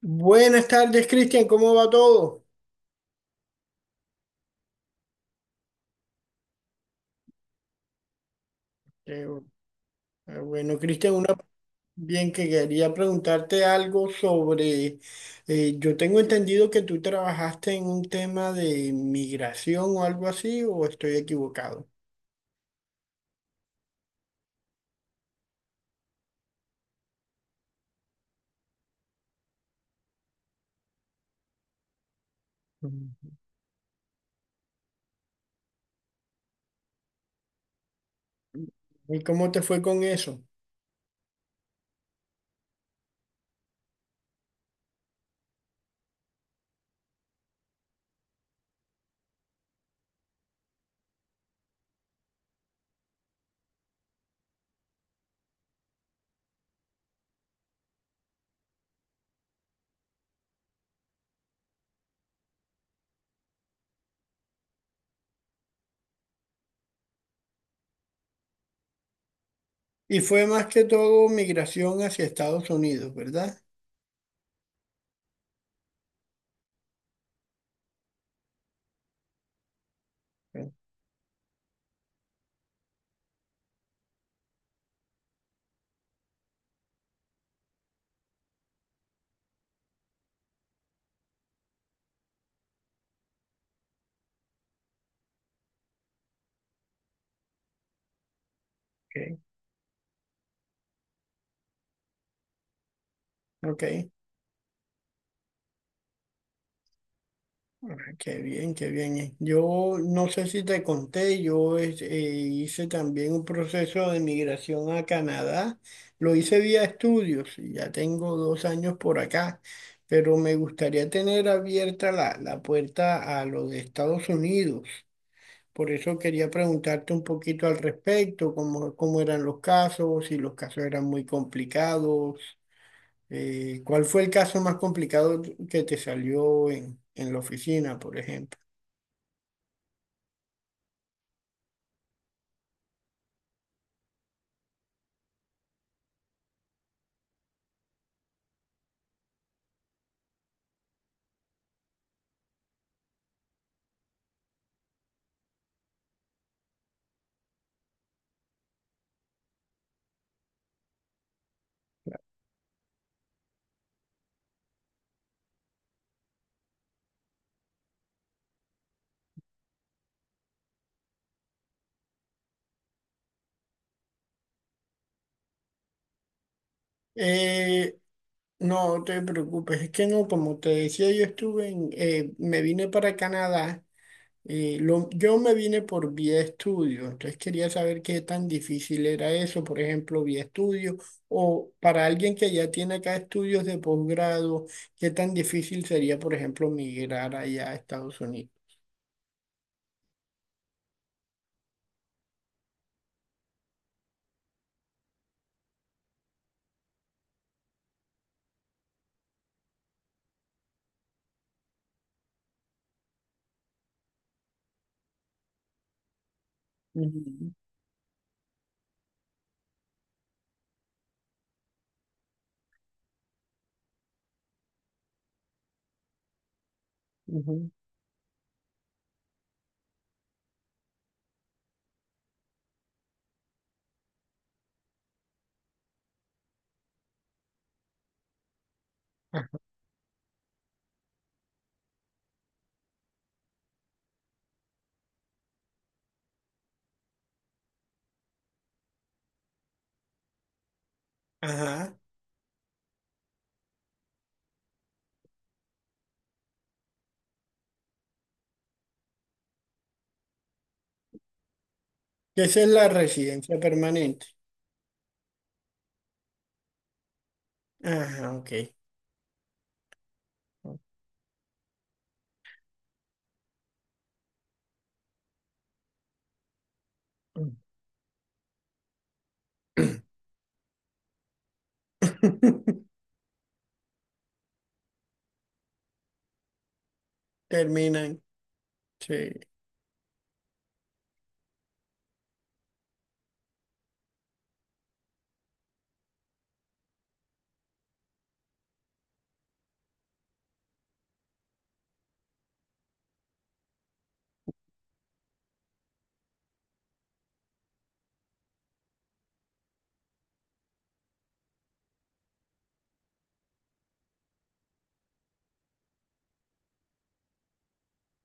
Buenas tardes, Cristian, ¿cómo va todo? Eh, bueno, Cristian, una bien que quería preguntarte algo sobre, yo tengo entendido que tú trabajaste en un tema de migración o algo así, o estoy equivocado. Mm. ¿Y cómo te fue con eso? Y fue más que todo migración hacia Estados Unidos, ¿verdad? Ok, ok. Ah, qué bien, qué bien. Yo no sé si te conté, yo hice también un proceso de migración a Canadá. Lo hice vía estudios y ya tengo dos años por acá, pero me gustaría tener abierta la puerta a lo de Estados Unidos. Por eso quería preguntarte un poquito al respecto, cómo eran los casos, si los casos eran muy complicados. ¿Cuál fue el caso más complicado que te salió en la oficina, por ejemplo? Eh, no te preocupes, es que no, como te decía, me vine para Canadá, yo me vine por vía estudio, entonces quería saber qué tan difícil era eso, por ejemplo, vía estudio, o para alguien que ya tiene acá estudios de posgrado, qué tan difícil sería, por ejemplo, migrar allá a Estados Unidos. Ujú, ujú. Ah, ajá, esa es la residencia permanente. Ajá, ok. Terminan. Sí,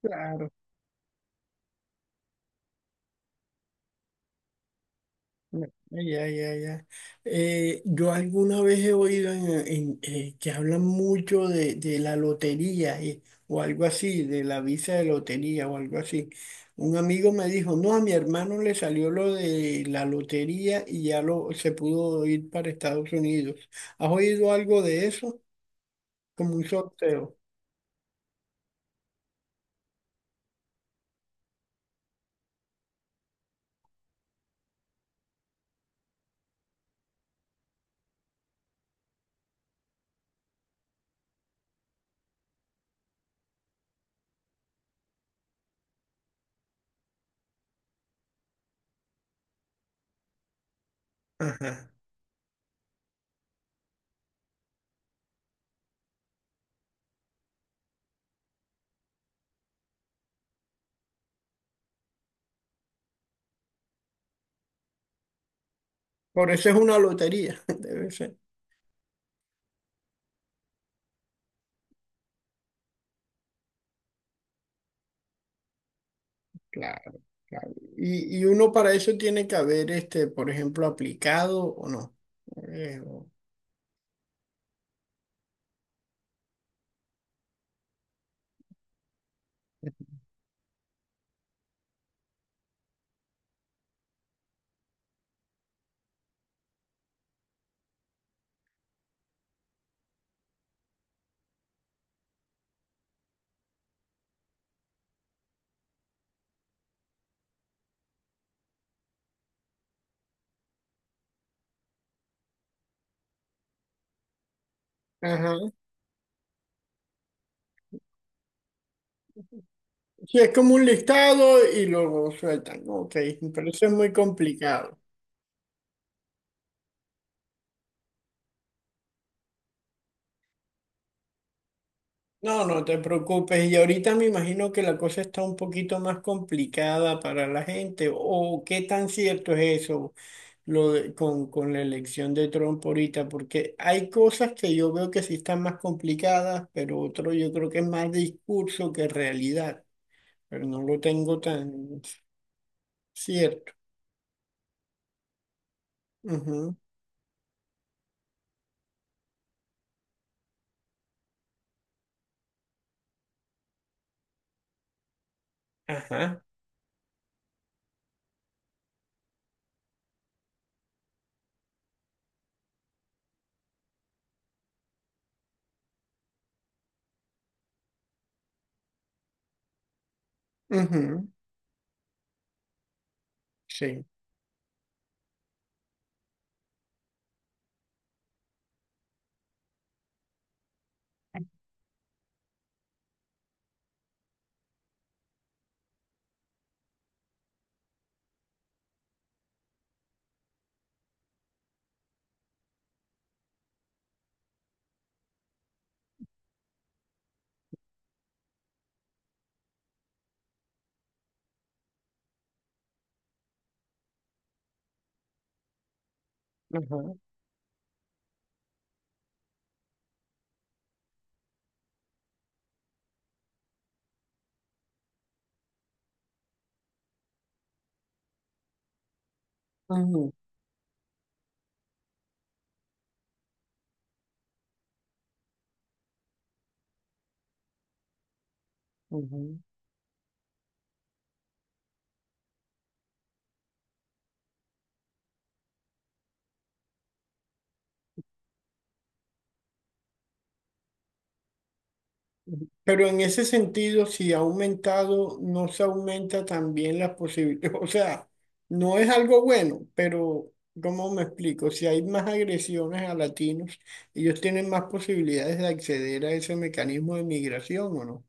claro. No, ya, ya, ya. Yo alguna vez he oído que hablan mucho de la lotería o algo así, de la visa de lotería o algo así. Un amigo me dijo, no, a mi hermano le salió lo de la lotería y ya se pudo ir para Estados Unidos. ¿Has oído algo de eso? Como un sorteo. Ajá. Por eso es una lotería, debe ser. Claro. Y uno para eso tiene que haber, este, por ejemplo, aplicado o no. Eh, o- Ajá. Sí, es como un listado y luego sueltan. Ok, pero eso es muy complicado. No, no te preocupes. Y ahorita me imagino que la cosa está un poquito más complicada para la gente. ¿O qué tan cierto es eso lo con la elección de Trump ahorita? Porque hay cosas que yo veo que sí están más complicadas, pero otro yo creo que es más discurso que realidad. Pero no lo tengo tan cierto. Ujú, ajá. Ujú, sí. Ajá. Ujú. Ujú. Pero en ese sentido, si ha aumentado, no se aumenta también las posibilidades. O sea, no es algo bueno, pero ¿cómo me explico? Si hay más agresiones a latinos, ellos tienen más posibilidades de acceder a ese mecanismo de migración, ¿o no?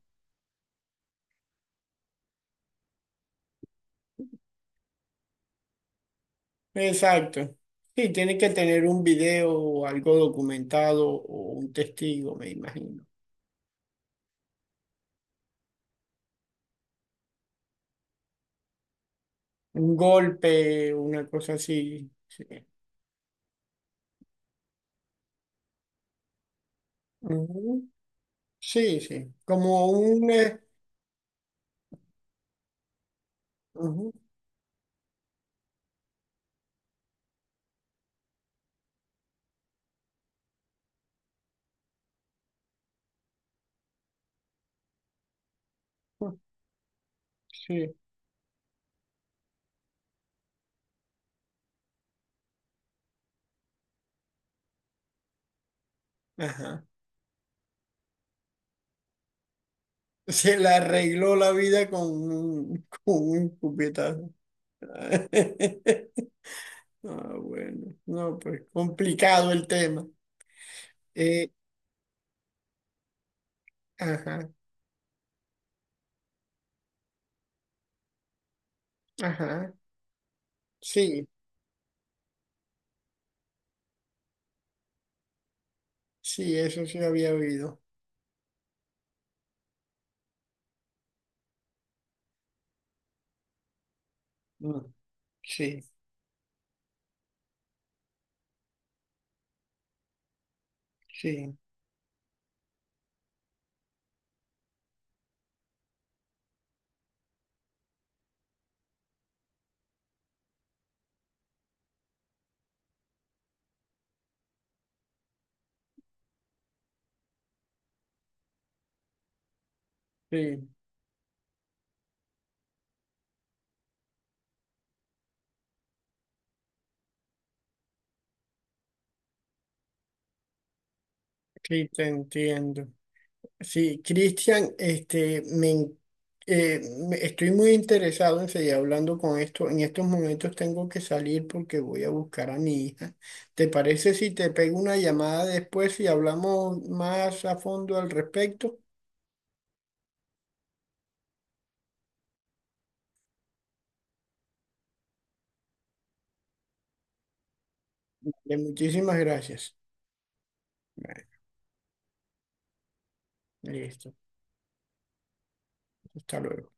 Exacto. Sí, tiene que tener un video o algo documentado o un testigo, me imagino. Un golpe, una cosa así. Sí, ujú. Sí, sí. Ujú, sí, ajá. Se le arregló la vida con un cupetazo. Ah, bueno, no, pues complicado el tema. Eh, ajá, ajá. Sí, sí, eso sí había oído. Mm, sí, sí, sí, sí, te entiendo. Sí, Cristian, eh, estoy muy interesado en seguir hablando con esto. En estos momentos tengo que salir porque voy a buscar a mi hija. ¿Te parece si te pego una llamada después y hablamos más a fondo al respecto? De muchísimas gracias. Bueno, listo, hasta luego.